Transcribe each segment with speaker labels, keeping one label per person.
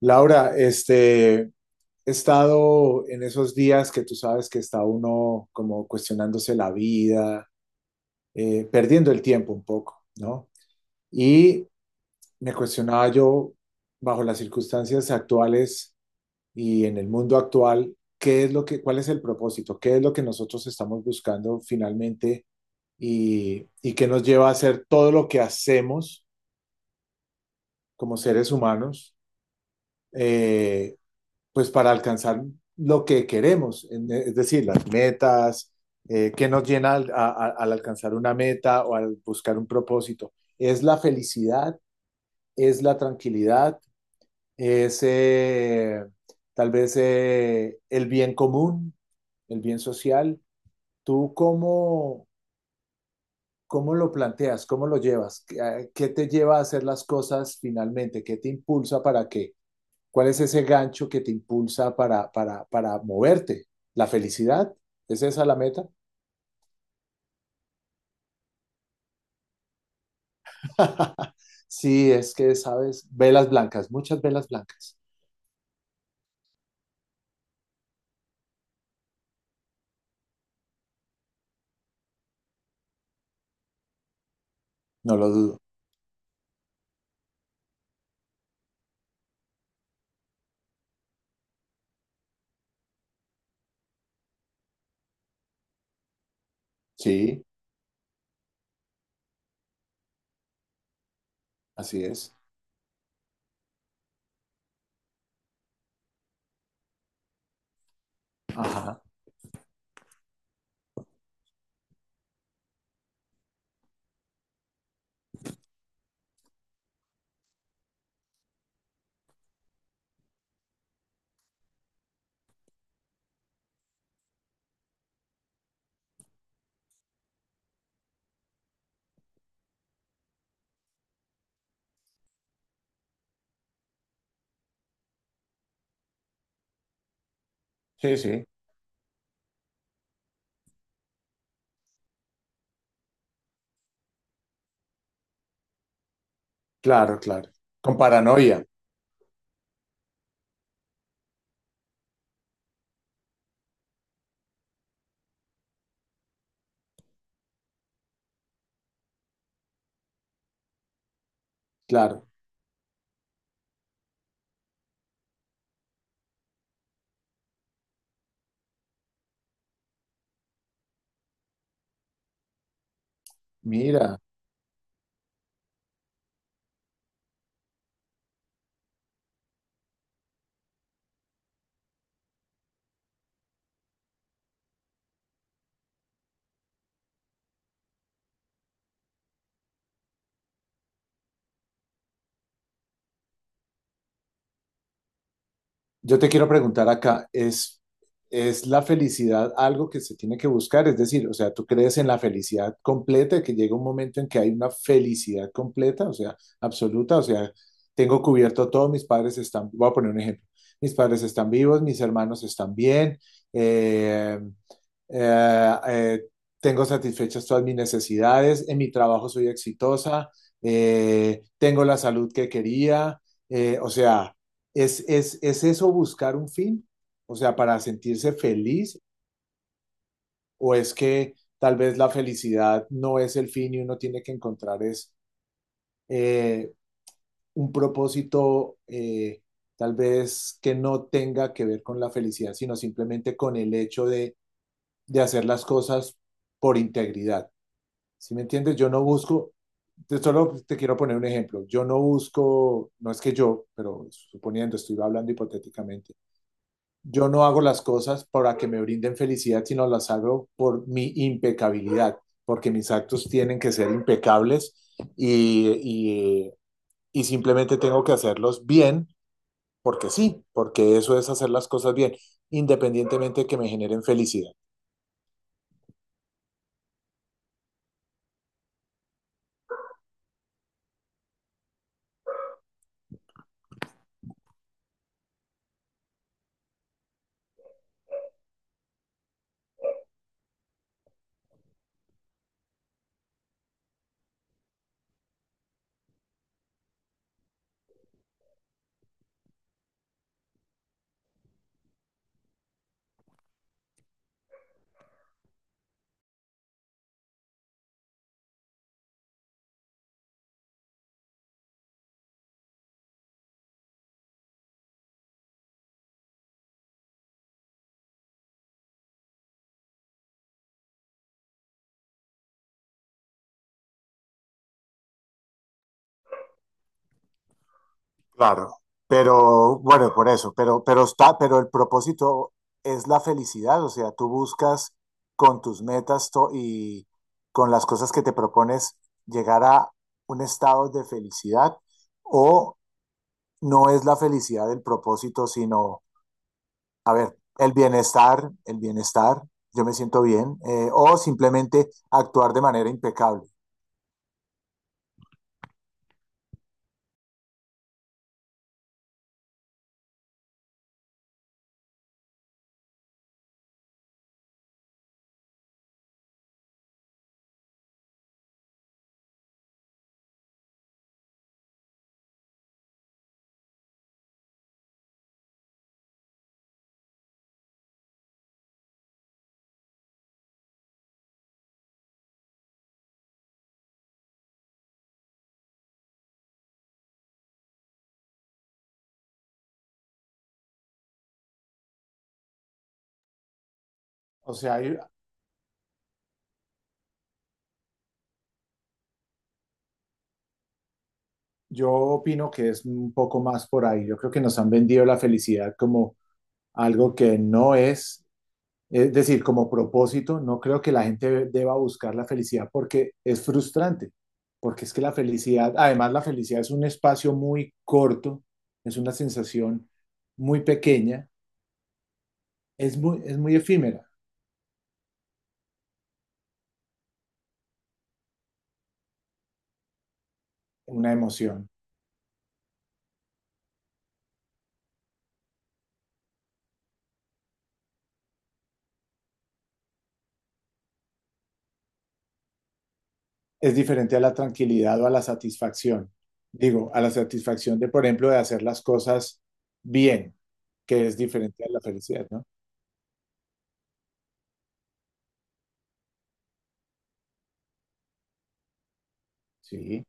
Speaker 1: Laura, he estado en esos días que tú sabes que está uno como cuestionándose la vida, perdiendo el tiempo un poco, ¿no? Y me cuestionaba yo, bajo las circunstancias actuales y en el mundo actual, ¿qué es lo que, cuál es el propósito? ¿Qué es lo que nosotros estamos buscando finalmente y qué nos lleva a hacer todo lo que hacemos como seres humanos? Eh, pues para alcanzar lo que queremos, es decir, las metas, qué nos llena al alcanzar una meta o al buscar un propósito. Es la felicidad, es la tranquilidad, es tal vez el bien común, el bien social. ¿Tú cómo, cómo lo planteas? ¿Cómo lo llevas? Qué te lleva a hacer las cosas finalmente? ¿Qué te impulsa para que ¿cuál es ese gancho que te impulsa para moverte? ¿La felicidad? ¿Es esa la meta? Sí, es que, ¿sabes? Velas blancas, muchas velas blancas. No lo dudo. Sí, así es. Ajá. Sí, sí. Claro, claro. Con paranoia. Claro. Mira. Yo te quiero preguntar acá, es la felicidad algo que se tiene que buscar? Es decir, o sea, ¿tú crees en la felicidad completa, que llega un momento en que hay una felicidad completa, o sea, absoluta? O sea, tengo cubierto todo, mis padres están, voy a poner un ejemplo, mis padres están vivos, mis hermanos están bien, eh, eh, eh, tengo satisfechas todas mis necesidades, en mi trabajo soy exitosa, tengo la salud que quería, o sea, ¿es eso buscar un fin? O sea, para sentirse feliz, o es que tal vez la felicidad no es el fin y uno tiene que encontrar es eh, un propósito tal vez que no tenga que ver con la felicidad, sino simplemente con el hecho de hacer las cosas por integridad. Si me entiendes, yo no busco, solo te quiero poner un ejemplo. Yo no busco, no es que yo, pero suponiendo, estoy hablando hipotéticamente. Yo no hago las cosas para que me brinden felicidad, sino las hago por mi impecabilidad, porque mis actos tienen que ser impecables y simplemente tengo que hacerlos bien, porque sí, porque eso es hacer las cosas bien, independientemente de que me generen felicidad. Claro, pero bueno, por eso, pero está, pero el propósito es la felicidad, o sea, tú buscas con tus metas con las cosas que te propones llegar a un estado de felicidad o no es la felicidad el propósito, sino, a ver, el bienestar, yo me siento bien, o simplemente actuar de manera impecable. O sea, yo opino que es un poco más por ahí. Yo creo que nos han vendido la felicidad como algo que no es, es decir, como propósito, no creo que la gente deba buscar la felicidad porque es frustrante, porque es que la felicidad, además la felicidad es un espacio muy corto, es una sensación muy pequeña, es muy efímera una emoción, es diferente a la tranquilidad o a la satisfacción, digo, a la satisfacción de, por ejemplo, de hacer las cosas bien, que es diferente a la felicidad, ¿no? Sí,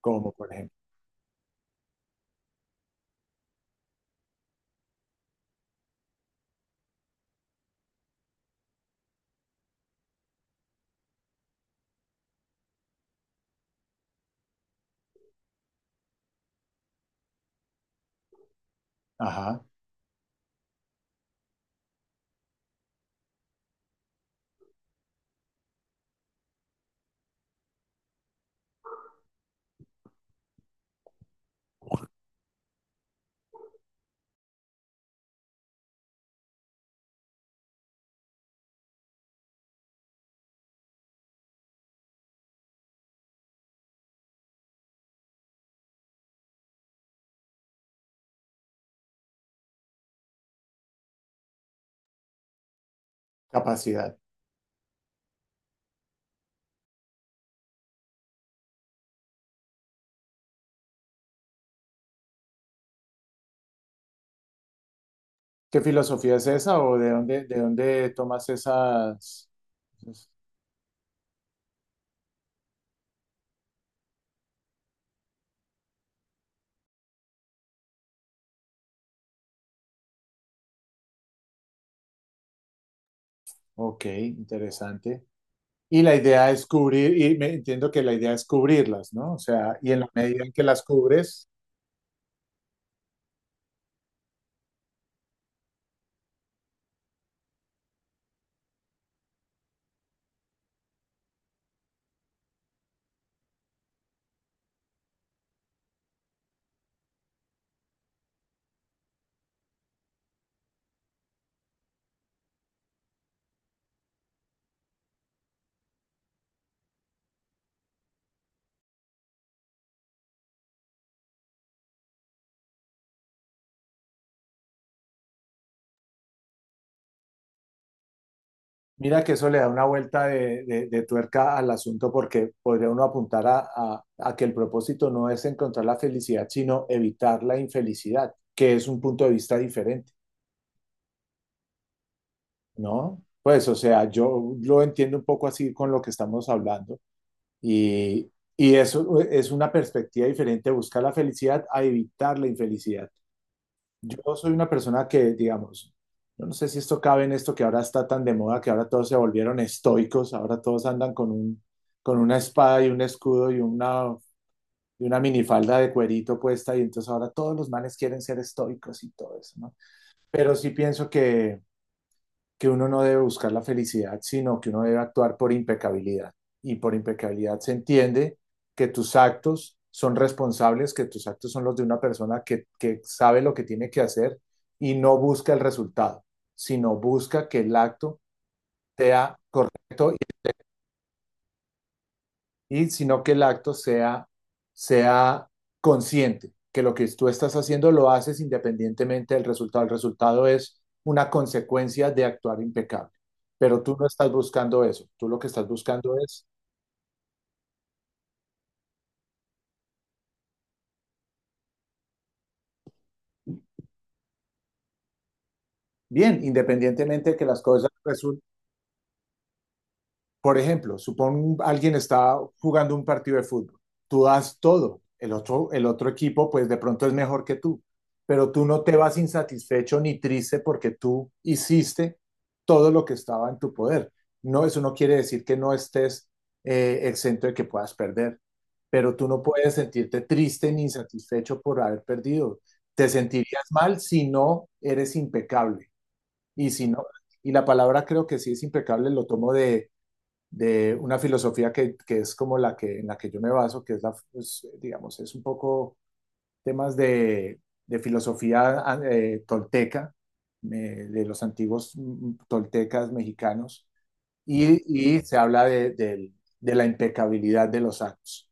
Speaker 1: como por ejemplo, ajá, capacidad. ¿Qué filosofía es esa o de dónde tomas esas? Esas- Ok, interesante. Y la idea es cubrir, y me entiendo que la idea es cubrirlas, ¿no? O sea, y en la medida en que las cubres, mira que eso le da una vuelta de tuerca al asunto porque podría uno apuntar a que el propósito no es encontrar la felicidad, sino evitar la infelicidad, que es un punto de vista diferente, ¿no? Pues, o sea, yo lo entiendo un poco así con lo que estamos hablando. Y, y eso es una perspectiva diferente, buscar la felicidad a evitar la infelicidad. Yo soy una persona que, digamos, yo no sé si esto cabe en esto que ahora está tan de moda, que ahora todos se volvieron estoicos, ahora todos andan con una espada y un escudo y una minifalda de cuerito puesta, y entonces ahora todos los manes quieren ser estoicos y todo eso, ¿no? Pero sí pienso que uno no debe buscar la felicidad, sino que uno debe actuar por impecabilidad. Y por impecabilidad se entiende que tus actos son responsables, que tus actos son los de una persona que sabe lo que tiene que hacer y no busca el resultado, sino busca que el acto sea correcto y sino que sea consciente, que lo que tú estás haciendo lo haces independientemente del resultado. El resultado es una consecuencia de actuar impecable, pero tú no estás buscando eso, tú lo que estás buscando es, bien, independientemente de que las cosas resulten. Por ejemplo, supón alguien está jugando un partido de fútbol. Tú das todo. El otro equipo, pues de pronto es mejor que tú. Pero tú no te vas insatisfecho ni triste porque tú hiciste todo lo que estaba en tu poder. No, eso no quiere decir que no estés exento de que puedas perder. Pero tú no puedes sentirte triste ni insatisfecho por haber perdido. Te sentirías mal si no eres impecable. Y si no, y la palabra creo que sí es impecable, lo tomo de una filosofía que es como en la que yo me baso, que es la, pues, digamos, es un poco temas de filosofía tolteca, eh, de los antiguos toltecas mexicanos, y se habla de la impecabilidad de los actos,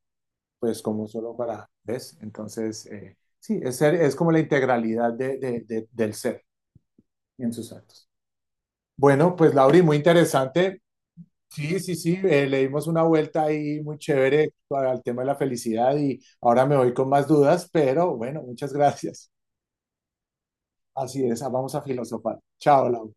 Speaker 1: pues como solo para, ¿ves? Entonces, sí, es como la integralidad del ser en sus actos. Bueno, pues Lauri, muy interesante. Sí, sí, sí, le dimos una vuelta ahí muy chévere para el tema de la felicidad y ahora me voy con más dudas, pero bueno, muchas gracias. Así es, vamos a filosofar. Chao, Laura.